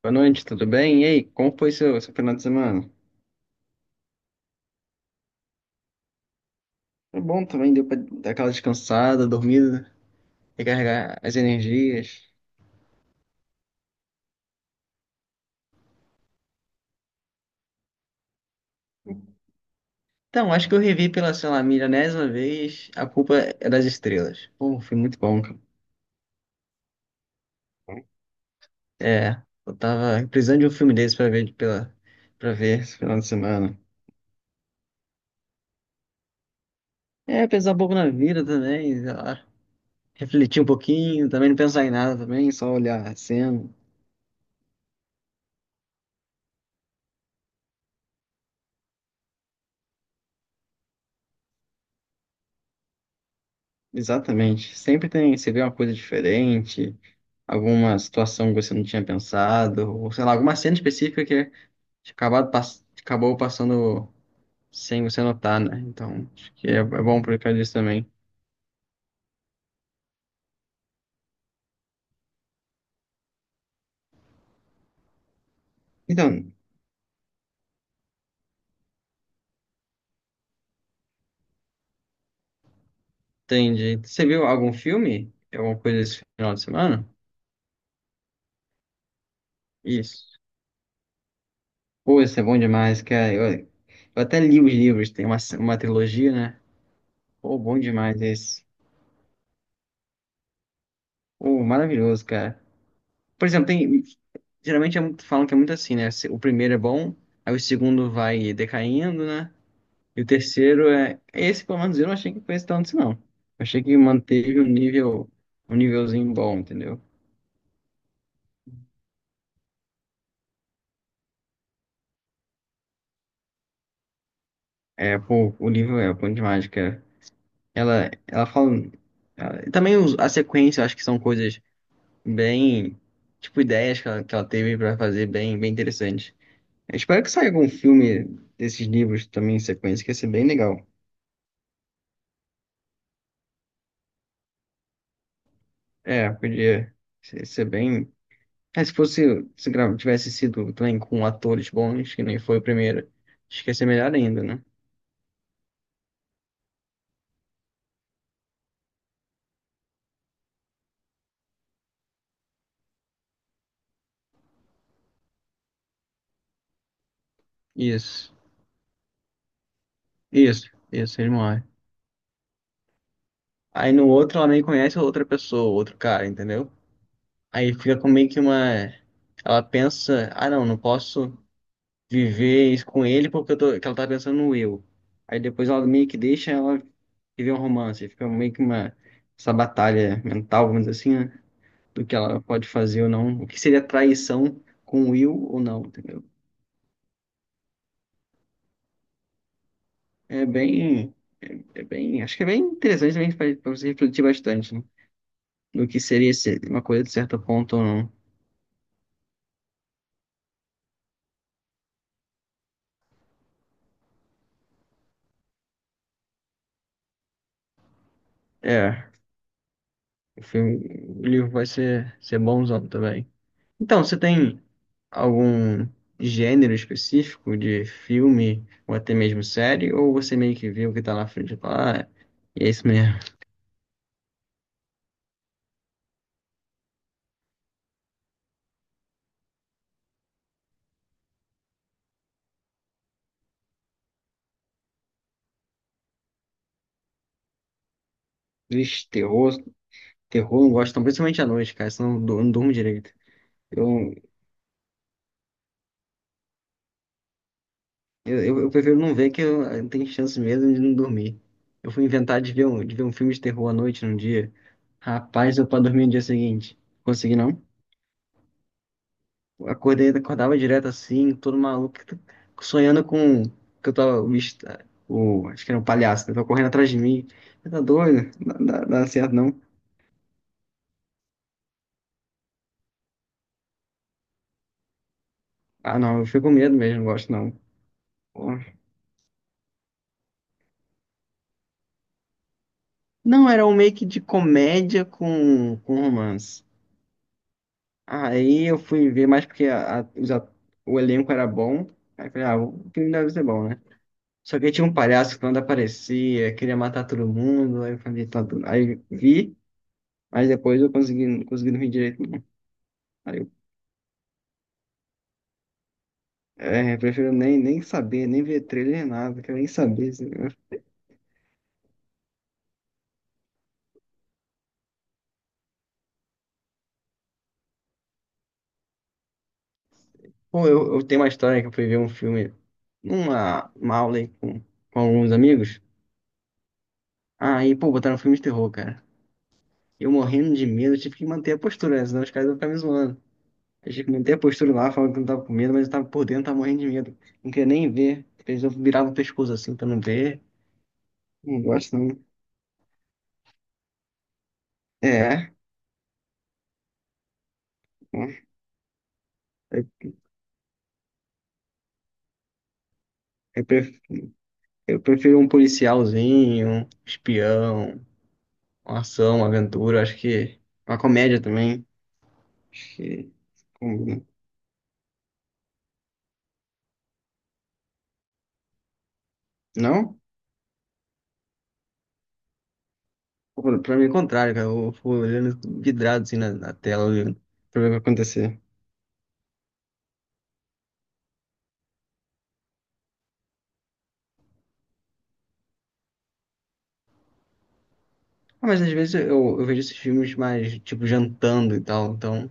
Boa noite, tudo bem? E aí, como foi seu final de semana? Foi bom também, deu pra dar aquela descansada, dormida, recarregar as energias. Então, acho que eu revi pela, sei lá, milionésima vez A Culpa é das Estrelas. Pô, foi muito bom, cara. É, eu tava precisando de um filme desse pra ver, pra ver esse final de semana. É, pensar um pouco na vida também, sei lá, refletir um pouquinho, também não pensar em nada também, só olhar a cena. Exatamente. Sempre tem, você vê uma coisa diferente, alguma situação que você não tinha pensado, ou sei lá, alguma cena específica que acabou passando sem você notar, né? Então, acho que é bom por causa disso também. Então, entendi. Você viu algum filme? Alguma coisa esse final de semana? Isso. Pô, isso é bom demais, cara. Eu até li os livros, tem uma trilogia, né? Pô, bom demais esse. Pô, maravilhoso, cara. Por exemplo, tem, geralmente é muito, falam que é muito assim, né? Se- O primeiro é bom, aí o segundo vai decaindo, né? E o terceiro é. Esse, pelo menos, eu não achei que foi esse tanto, assim, não. Eu achei que manteve um nível, um nívelzinho bom, entendeu? É, pô, o livro é o Ponto de Mágica. Ela fala. Ela- e também os- a sequência, eu acho que são coisas bem. Tipo, ideias que ela teve pra fazer bem, bem interessantes. Eu espero que saia algum filme desses livros também em sequência, que ia ser bem legal. É, podia ser bem. É, se fosse, se gra- tivesse sido também com atores bons, que nem foi o primeiro, acho que ia ser melhor ainda, né? Isso, isso, isso, ele morre. Aí no outro ela nem conhece outra pessoa, outro cara, entendeu? Aí fica com meio que uma. Ela pensa, ah não, não posso viver isso com ele porque eu tô... que ela tá pensando no eu. Aí depois ela meio que deixa ela viver um romance, fica meio que uma. Essa batalha mental, vamos dizer assim, né? Do que ela pode fazer ou não, o que seria traição com o Will ou não, entendeu? É bem, é bem, acho que é bem interessante também para você refletir bastante, né? No que seria uma coisa de certo ponto ou não. É, o filme, o livro vai ser bonzão também. Então, você tem algum gênero específico de filme ou até mesmo série, ou você meio que vê o que tá na frente e fala, ah, é isso mesmo. Vixe, terror, terror eu não gosto, não, principalmente à noite, cara, senão eu não durmo direito. Eu, eu prefiro não ver eu tenho chance mesmo de não dormir. Eu fui inventar de ver de ver um filme de terror à noite num dia. Rapaz, eu pra dormir no dia seguinte. Consegui não? Acordei, acordava direto assim, todo maluco, sonhando com que eu tava. O, bicho tá- o- acho que era um palhaço, né? Tava correndo atrás de mim. Você tá doido? Não dá, dá certo, não. Ah, não, eu fico com medo mesmo, não gosto não. Pô. Não, era um make de comédia com romance. Aí eu fui ver mais porque a- os at- o elenco era bom. Aí eu falei, ah, o filme deve ser bom, né? Só que aí tinha um palhaço que quando aparecia, queria matar todo mundo. Aí eu falei, tá, tudo. Aí vi, mas depois eu consegui, não consegui dormir direito. Aí eu, é, eu prefiro nem saber, nem ver trailer, nada, quero nem saber. Assim. Pô, eu tenho uma história que eu fui ver um filme numa uma aula aí com alguns amigos. Aí, pô, botaram um filme de terror, cara. Eu morrendo de medo, tive que manter a postura, né? Senão os caras iam ficar me zoando. A gente mantei a postura lá, falando que não tava com medo, mas eu tava por dentro, tava morrendo de medo. Não queria nem ver. Eles viravam o pescoço assim pra não ver. Não gosto, não. É. Né? Eu, eu pref- eu prefiro um policialzinho, um espião, uma ação, uma aventura. Acho que uma comédia também. Acho que. Combina. Não? Pô, pra mim é o contrário, cara. Eu fico olhando vidrado assim na tela, olhando pra ver o que vai acontecer. Ah, mas às vezes eu vejo esses filmes mais, tipo, jantando e tal, então.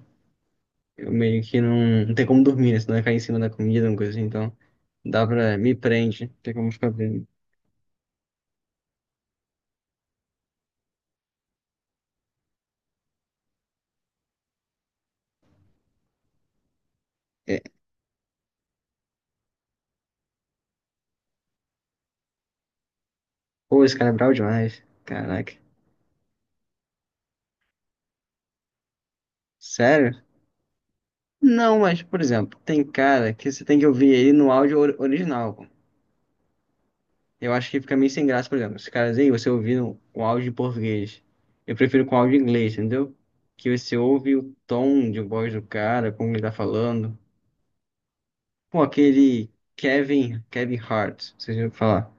Eu meio que não tem como dormir, né? Se não vai cair em cima da comida, uma coisa assim, então dá pra. Me prende, não tem como ficar vendo. É. Pô, esse cara é brabo demais. Caraca. Sério? Não, mas, por exemplo, tem cara que você tem que ouvir ele no áudio or- original. Pô. Eu acho que fica meio sem graça, por exemplo. Esses caras aí, você ouvindo o áudio em português. Eu prefiro com áudio em inglês, entendeu? Que você ouve o tom de voz do cara, como ele tá falando. Pô, aquele Kevin Hart, vocês já ouviram falar.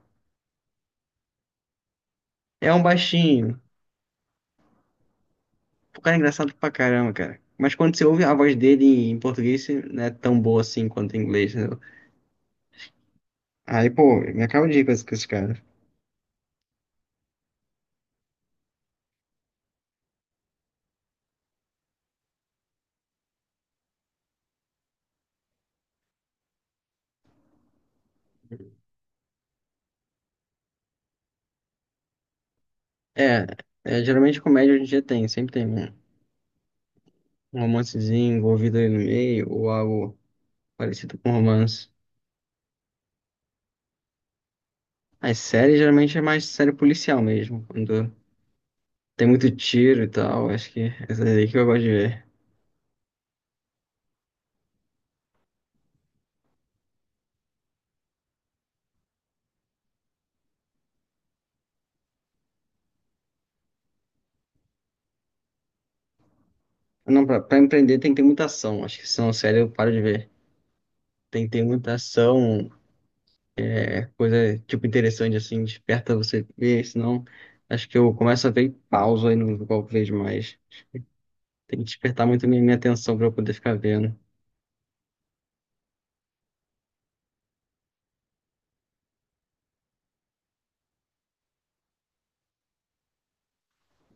É um baixinho. O cara é engraçado pra caramba, cara. Mas quando você ouve a voz dele em português, você não é tão boa assim quanto em inglês, entendeu? Aí, pô, me acaba de ir com esse cara. É, geralmente comédia hoje em dia tem, sempre tem um romancezinho envolvido aí no meio, ou algo parecido com romance. As séries geralmente é mais série policial mesmo, quando tem muito tiro e tal, acho que é essa aí que eu gosto de ver. Não, pra empreender tem que ter muita ação, acho que se não série eu paro de ver. Tem que ter muita ação, é coisa, tipo, interessante, assim, desperta você ver, senão acho que eu começo a ver e pauso aí no qual vejo mais. Tem que despertar muito minha atenção pra eu poder ficar vendo.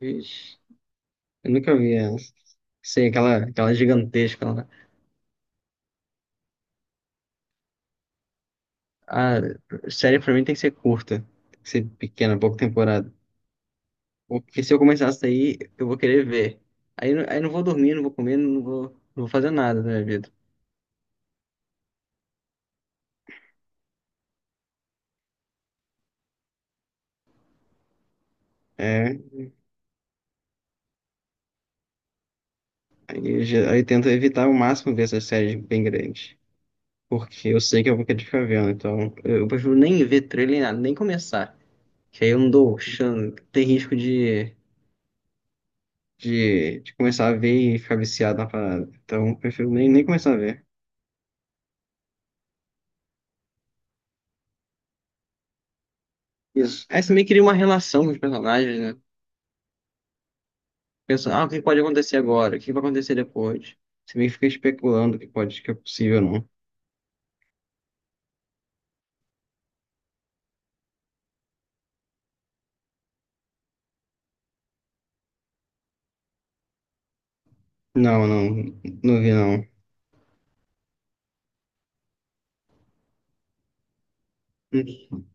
Ixi, eu nunca vi essa. Sei, aquela gigantesca lá. A série pra mim tem que ser curta, tem que ser pequena, pouca temporada. Porque se eu começar a sair, eu vou querer ver. Aí eu não vou dormir, não vou comer, não vou fazer nada na minha vida. É, aí, eu já- aí eu tento evitar ao máximo ver essas séries bem grandes. Porque eu sei que eu vou querer ficar vendo, então eu prefiro nem ver trailer, nem nada, nem começar. Que aí eu não dou chance, tem risco de começar a ver e ficar viciado na parada. Então eu prefiro nem começar a ver. Isso. Aí você meio que cria uma relação com os personagens, né? Pensa, ah, o que pode acontecer agora? O que vai acontecer depois? Você meio que fica especulando o que pode, que é possível ou não. Não vi não. Hum,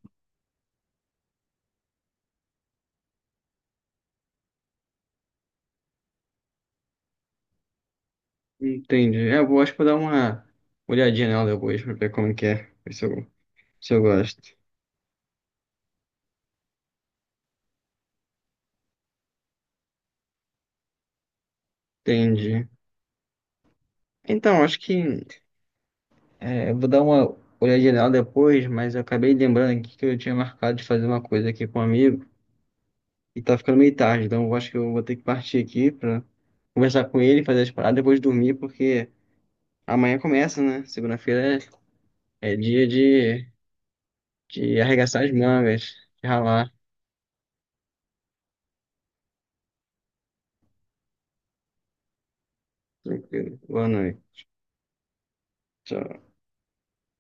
entendi. É, eu vou, acho que vou dar uma olhadinha nela depois pra ver como que é, ver se eu, se eu gosto. Entendi. Então, acho que eu vou dar uma olhada geral depois, mas eu acabei lembrando aqui que eu tinha marcado de fazer uma coisa aqui com um amigo e tá ficando meio tarde, então eu acho que eu vou ter que partir aqui pra conversar com ele, fazer as paradas, depois dormir, porque amanhã começa, né? Segunda-feira é dia de arregaçar as mangas, de ralar. Tranquilo. Boa noite. Tchau.